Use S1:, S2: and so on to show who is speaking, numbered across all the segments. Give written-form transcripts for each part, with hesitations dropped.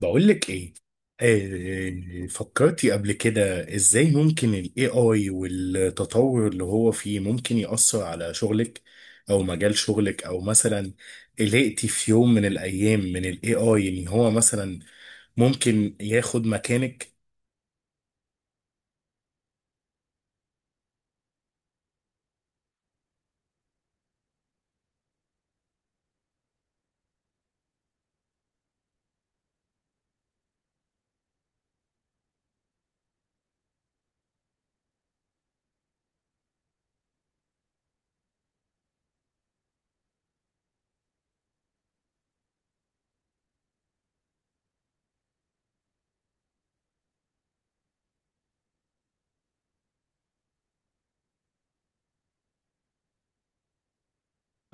S1: بقول لك ايه. فكرتي قبل كده ازاي ممكن ال AI والتطور اللي هو فيه ممكن يأثر على شغلك او مجال شغلك او مثلا قلقتي في يوم من الايام من ال AI ان هو مثلا ممكن ياخد مكانك.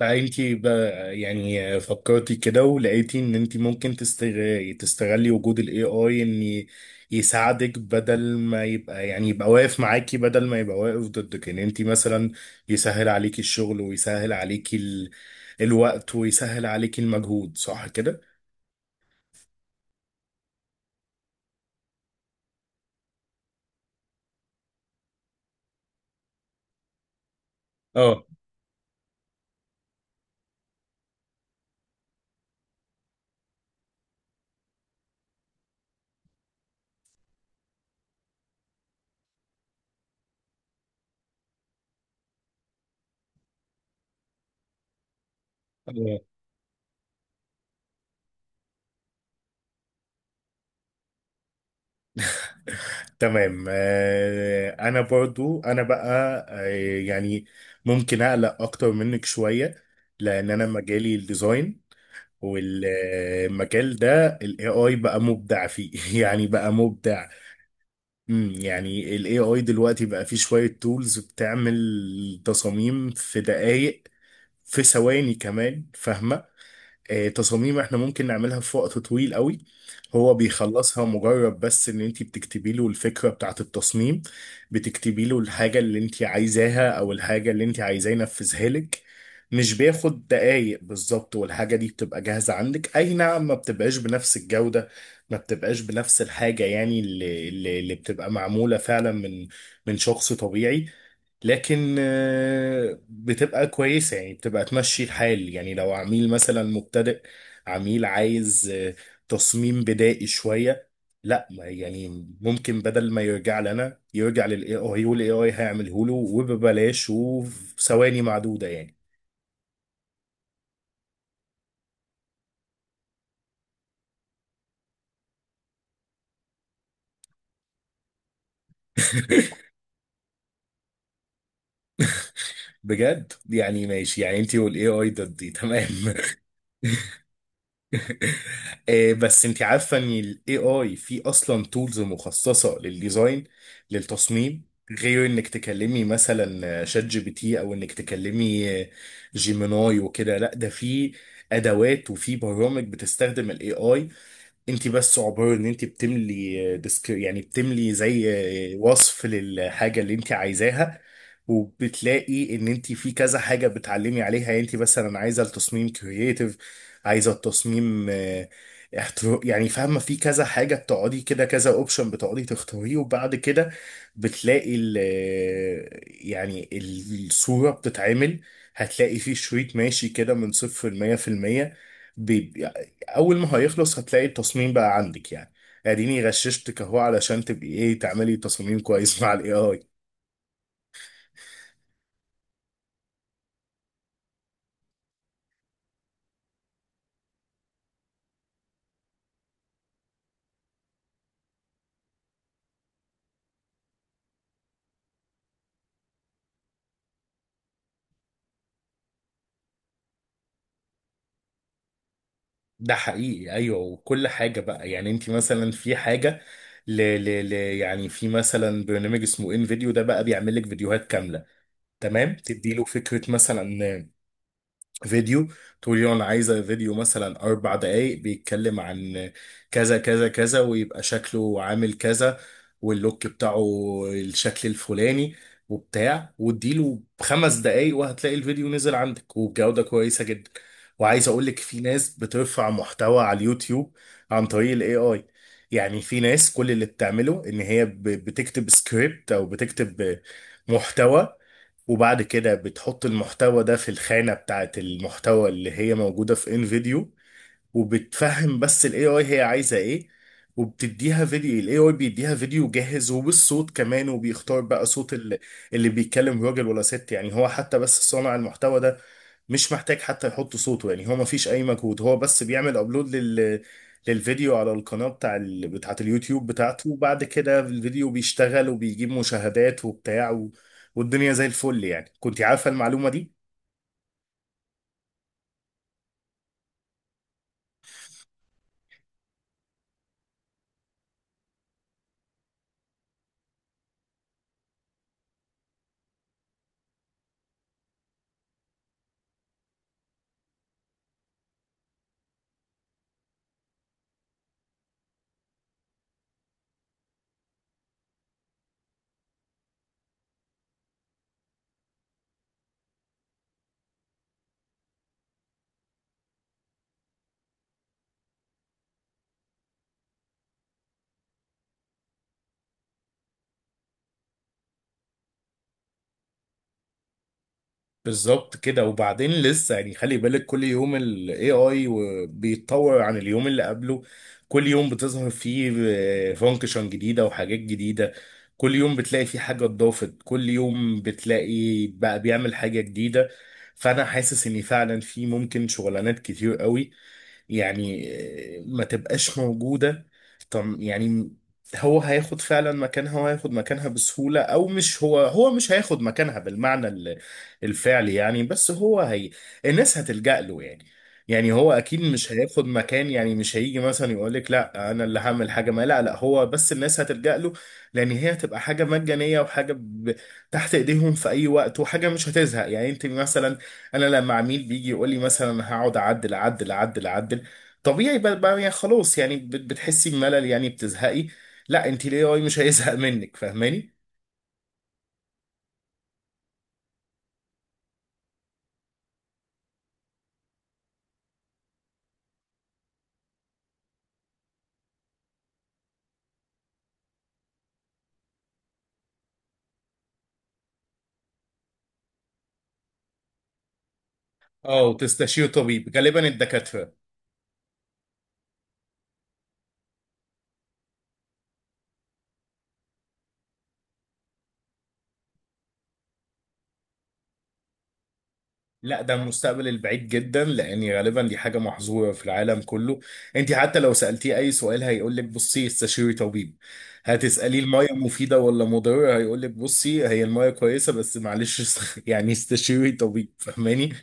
S1: عائلتي بقى يعني فكرتي كده ولقيتي ان انت ممكن تستغلي وجود الاي اي ان يساعدك بدل ما يبقى يعني يبقى واقف معاكي بدل ما يبقى واقف ضدك، ان انت مثلا يسهل عليكي الشغل ويسهل عليكي الوقت ويسهل عليكي المجهود، صح كده؟ اه. آه، تمام. انا برضو بقى، يعني ممكن اقلق اكتر منك شوية لان انا مجالي الديزاين، والمجال ده الاي اي بقى مبدع فيه يعني بقى مبدع. يعني الاي اي دلوقتي بقى فيه شوية تولز بتعمل تصاميم في دقايق، في ثواني كمان، فاهمة؟ تصاميم احنا ممكن نعملها في وقت طويل قوي هو بيخلصها، مجرد بس ان انت بتكتبي له الفكرة بتاعة التصميم، بتكتبي له الحاجة اللي انت عايزاها او الحاجة اللي انت عايزاه ينفذها لك، مش بياخد دقايق بالظبط والحاجة دي بتبقى جاهزة عندك. اي نعم، ما بتبقاش بنفس الجودة، ما بتبقاش بنفس الحاجة يعني اللي بتبقى معمولة فعلا من شخص طبيعي، لكن بتبقى كويسة، يعني بتبقى تمشي الحال. يعني لو عميل مثلا مبتدئ، عميل عايز تصميم بدائي شوية، لا ما- يعني ممكن بدل ما يرجع لنا يرجع للاي اي، والاي اي هيعمله له وببلاش وفي ثواني معدودة يعني. بجد؟ يعني ماشي، يعني انتي والاي اي ضدي، تمام. بس انت عارفه ان الاي اي في اصلا تولز مخصصه للديزاين، للتصميم، غير انك تكلمي مثلا شات جي بي تي او انك تكلمي جيميناي وكده. لا، ده في ادوات وفي برامج بتستخدم الاي اي، انت بس عبارة ان انت بتملي ديسك، يعني بتملي زي وصف للحاجة اللي انت عايزاها، وبتلاقي ان انت في كذا حاجة بتعلمي عليها. يعني انت مثلا عايزة التصميم كرييتيف، عايزة التصميم يعني فاهمة؟ في كذا حاجة بتقعدي كده، كذا اوبشن بتقعدي تختاريه، وبعد كده بتلاقي ال يعني الصورة بتتعمل، هتلاقي في شريط ماشي كده من صفر لمية في المية. اول ما هيخلص هتلاقي التصميم بقى عندك، يعني اديني غششتك اهو علشان تبقي ايه، تعملي تصميم كويس مع الاي اي. ده حقيقي، ايوه. وكل حاجه بقى يعني، انت مثلا في حاجه ل ل ل يعني في مثلا برنامج اسمه ان فيديو، ده بقى بيعمل لك فيديوهات كامله. تمام، تدي له فكره مثلا فيديو، تقول لي انا عايزه فيديو مثلا اربع دقائق بيتكلم عن كذا كذا كذا، ويبقى شكله عامل كذا، واللوك بتاعه الشكل الفلاني وبتاع، واديله خمس دقائق وهتلاقي الفيديو نزل عندك وبجوده كويسه جدا. وعايز اقول لك في ناس بترفع محتوى على اليوتيوب عن طريق الاي اي، يعني في ناس كل اللي بتعمله ان هي بتكتب سكريبت او بتكتب محتوى، وبعد كده بتحط المحتوى ده في الخانة بتاعت المحتوى اللي هي موجودة في انفيديو، وبتفهم بس الاي اي هي عايزه ايه، وبتديها فيديو. الاي اي بيديها فيديو جاهز وبالصوت كمان، وبيختار بقى صوت اللي بيتكلم راجل ولا ست. يعني هو حتى بس صانع المحتوى ده مش محتاج حتى يحط صوته، يعني هو ما فيش اي مجهود، هو بس بيعمل ابلود للفيديو على القناة بتاعت اليوتيوب بتاعته، وبعد كده الفيديو بيشتغل وبيجيب مشاهدات وبتاع والدنيا زي الفل، يعني كنت عارفة المعلومة دي؟ بالظبط كده. وبعدين لسه يعني خلي بالك كل يوم ال AI بيتطور عن اليوم اللي قبله، كل يوم بتظهر فيه فانكشن جديدة وحاجات جديدة، كل يوم بتلاقي فيه حاجة اتضافت، كل يوم بتلاقي بقى بيعمل حاجة جديدة. فأنا حاسس إن فعلا في ممكن شغلانات كتير قوي يعني ما تبقاش موجودة. طب يعني هو هياخد فعلا مكانها وهياخد مكانها بسهولة؟ أو مش هو مش هياخد مكانها بالمعنى الفعلي يعني، بس هو هي الناس هتلجأ له يعني. يعني هو اكيد مش هياخد مكان، يعني مش هيجي مثلا يقول لك لا انا اللي هعمل حاجه ما، لا، هو بس الناس هتلجأ له، لان هي هتبقى حاجه مجانيه وحاجه تحت ايديهم في اي وقت، وحاجه مش هتزهق. يعني انت مثلا، انا لما عميل بيجي يقول لي مثلا هقعد اعدل اعدل اعدل اعدل، طبيعي بقى يعني خلاص يعني بتحسي بملل يعني بتزهقي. لا، انت الاي اي مش هيزهق منك، فاهماني؟ اه وتستشير طبيب، غالبا الدكاتره. لا ده المستقبل البعيد جدا، لان غالبا دي حاجه محظوره في العالم كله. انت حتى لو سالتيه اي سؤال هيقول لك بصي استشيري طبيب، هتساليه الميه مفيده ولا مضره هيقول لك بصي هي الميه كويسه بس معلش يعني استشيري طبيب، فاهماني؟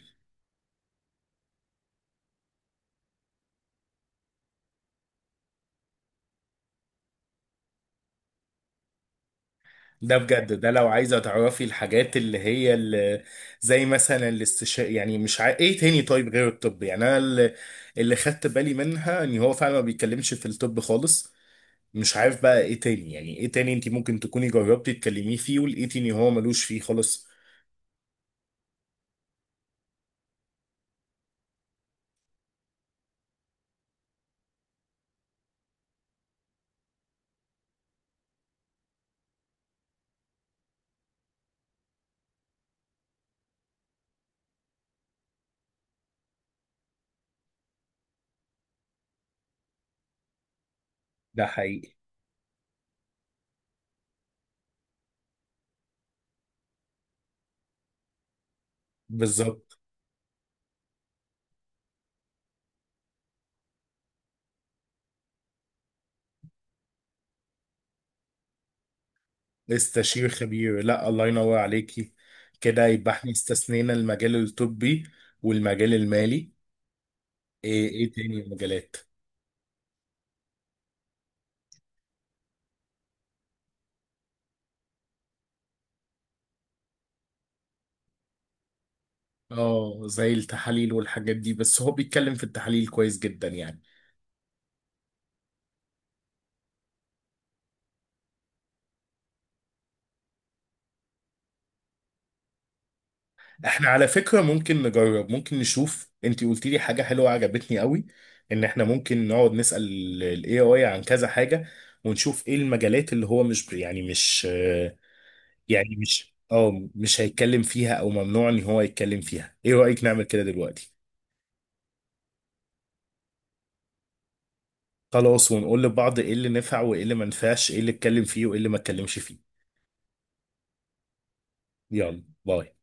S1: ده بجد ده، لو عايزه تعرفي الحاجات اللي هي اللي زي مثلا الاستشاء، يعني مش ع... ايه تاني طيب غير الطب؟ يعني انا اللي خدت بالي منها ان هو فعلا ما بيتكلمش في الطب خالص. مش عارف بقى ايه تاني، يعني ايه تاني انت ممكن تكوني جربتي تكلميه فيه ولقيتي ان هو ملوش فيه خالص؟ ده حقيقي. بالظبط. استشير خبير، لا الله ينور عليكي. كده يبقى احنا استثنينا المجال الطبي والمجال المالي. ايه ايه تاني المجالات؟ اه زي التحاليل والحاجات دي، بس هو بيتكلم في التحاليل كويس جدا يعني. احنا على فكرة ممكن نجرب، ممكن نشوف، انتي قلتي لي حاجة حلوة عجبتني قوي، ان احنا ممكن نقعد نسأل ال AI عن كذا حاجة، ونشوف ايه المجالات اللي هو مش، يعني مش اه مش هيتكلم فيها او ممنوع ان هو يتكلم فيها. ايه رأيك نعمل كده دلوقتي؟ خلاص. ونقول لبعض ايه اللي نفع وايه اللي ما نفعش، ايه اللي اتكلم فيه وايه اللي ما اتكلمش فيه. يلا، باي.